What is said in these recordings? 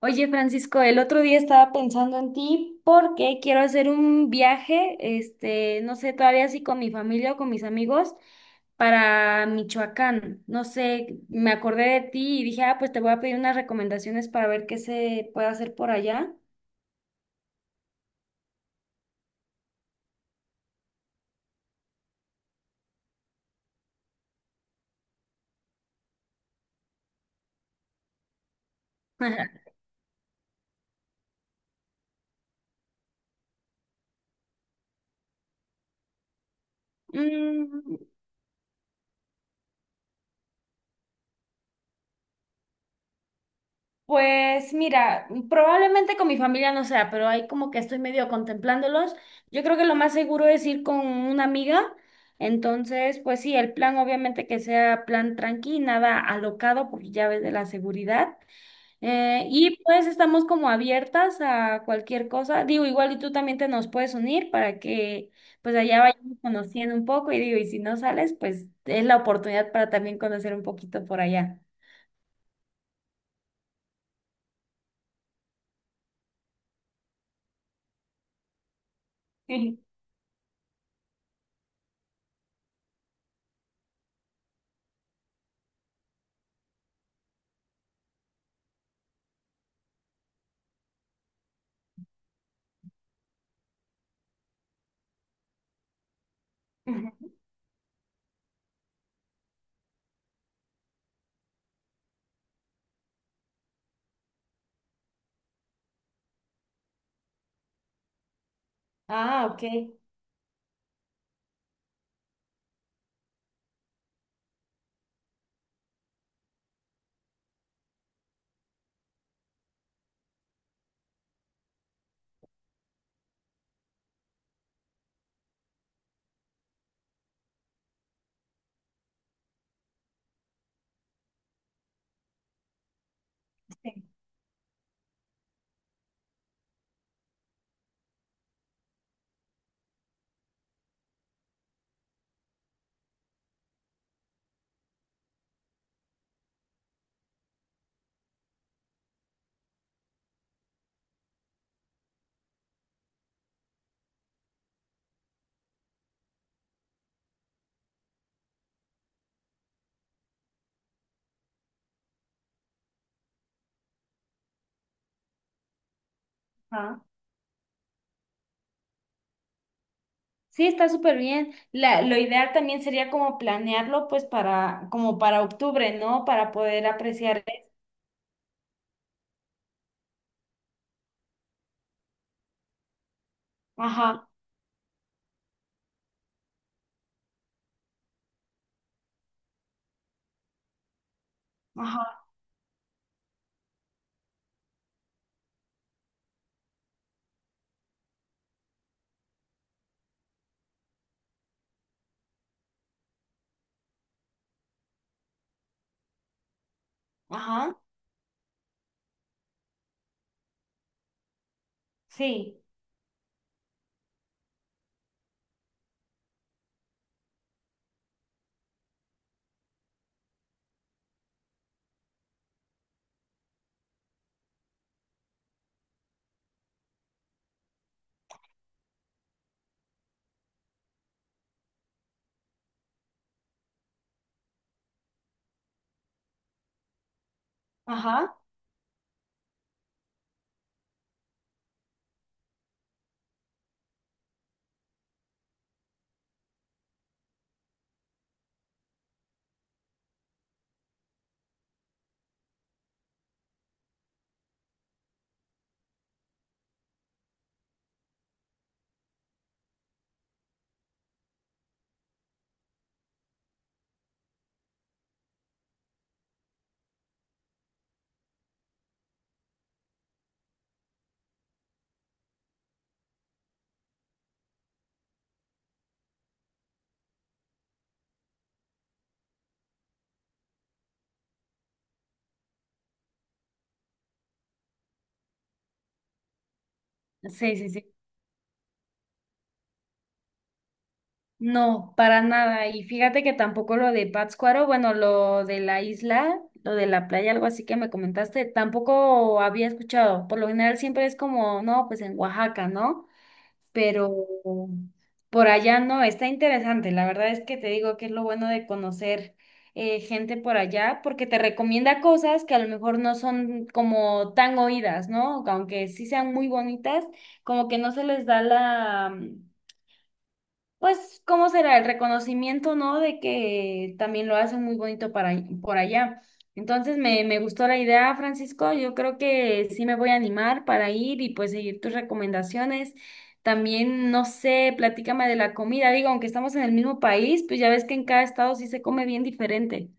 Oye, Francisco, el otro día estaba pensando en ti porque quiero hacer un viaje, no sé todavía si con mi familia o con mis amigos para Michoacán. No sé, me acordé de ti y dije, ah, pues te voy a pedir unas recomendaciones para ver qué se puede hacer por allá. Mm, Pues mira, probablemente con mi familia no sea, pero ahí como que estoy medio contemplándolos. Yo creo que lo más seguro es ir con una amiga. Entonces, pues sí, el plan obviamente que sea plan tranqui, nada alocado por llaves de la seguridad. Y pues estamos como abiertas a cualquier cosa. Digo, igual y tú también te nos puedes unir para que pues allá vayamos conociendo un poco. Y digo, y si no sales, pues es la oportunidad para también conocer un poquito por allá. Ah, ok. Sí. Ajá. Sí, está súper bien. La, lo ideal también sería como planearlo, pues para, como para octubre, ¿no? Para poder apreciar eso. Ajá, ajá, ajá, sí, ajá. Sí, sí, sí. No, para nada. Y fíjate que tampoco lo de Pátzcuaro, bueno, lo de la isla, lo de la playa, algo así que me comentaste, tampoco había escuchado. Por lo general siempre es como, no, pues en Oaxaca, ¿no? Pero por allá no, está interesante. La verdad es que te digo que es lo bueno de conocer gente por allá, porque te recomienda cosas que a lo mejor no son como tan oídas, ¿no? Aunque sí sean muy bonitas, como que no se les da la pues, ¿cómo será? El reconocimiento, ¿no? De que también lo hacen muy bonito para, por allá. Entonces, me gustó la idea, Francisco. Yo creo que sí me voy a animar para ir y pues seguir tus recomendaciones. También, no sé, platícame de la comida. Digo, aunque estamos en el mismo país, pues ya ves que en cada estado sí se come bien diferente.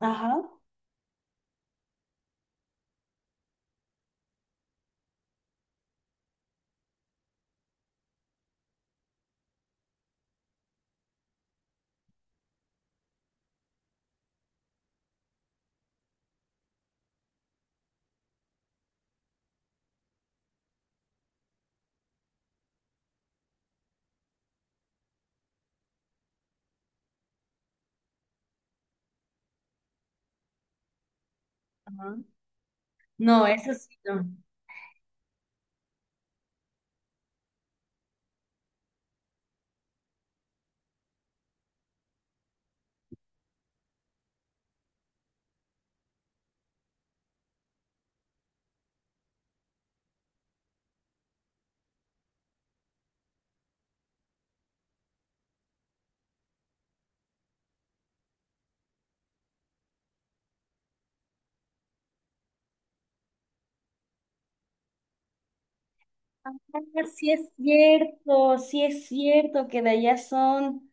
Ajá. Ajá. No, eso sí, no. Ah, sí es cierto que de allá son...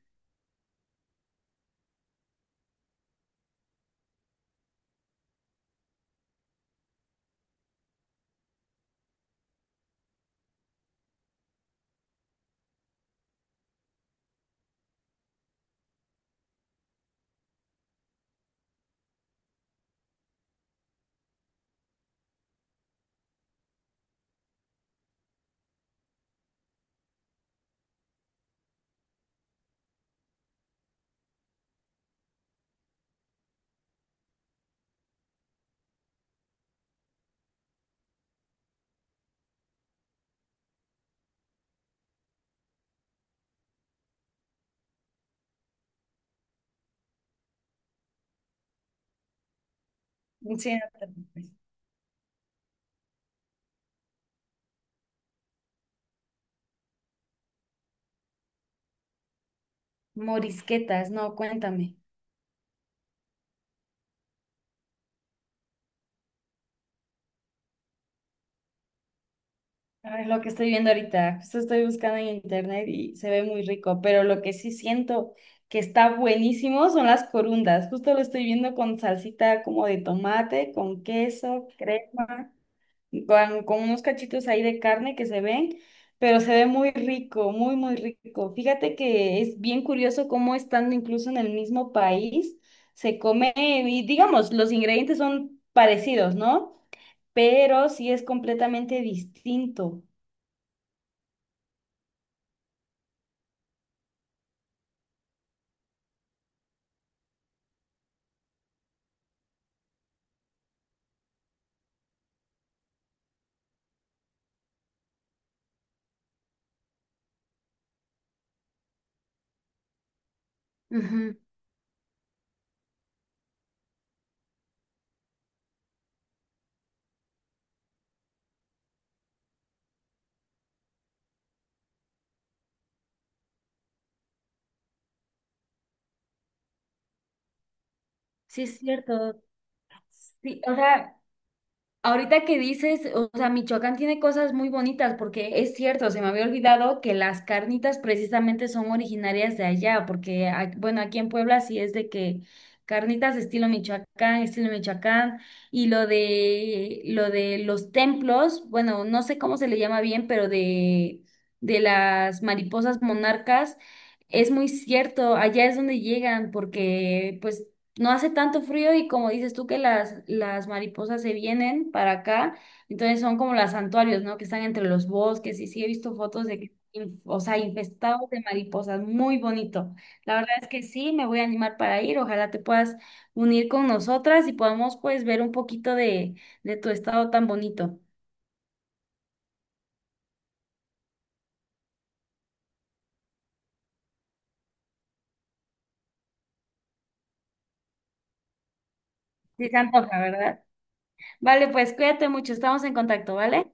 Sí, no te preocupes. Morisquetas, no, cuéntame. Ay, lo que estoy viendo ahorita, esto estoy buscando en internet y se ve muy rico, pero lo que sí siento que está buenísimo son las corundas. Justo lo estoy viendo con salsita como de tomate, con queso, crema, con unos cachitos ahí de carne que se ven, pero se ve muy rico, muy, muy rico. Fíjate que es bien curioso cómo estando incluso en el mismo país se come, y digamos, los ingredientes son parecidos, ¿no? Pero sí es completamente distinto. Ujú. Sí, es cierto. Sí, o sea, ahorita que dices, o sea, Michoacán tiene cosas muy bonitas, porque es cierto, se me había olvidado que las carnitas precisamente son originarias de allá, porque, a- bueno, aquí en Puebla sí es de que carnitas estilo Michoacán, y lo de los templos, bueno, no sé cómo se le llama bien, pero de las mariposas monarcas. Es muy cierto, allá es donde llegan, porque pues no hace tanto frío y como dices tú que las mariposas se vienen para acá, entonces son como los santuarios, ¿no? Que están entre los bosques y sí he visto fotos de que, o sea, infestados de mariposas, muy bonito. La verdad es que sí, me voy a animar para ir, ojalá te puedas unir con nosotras y podamos pues ver un poquito de tu estado tan bonito. Sí, se antoja, ¿verdad? Vale, pues cuídate mucho, estamos en contacto, ¿vale?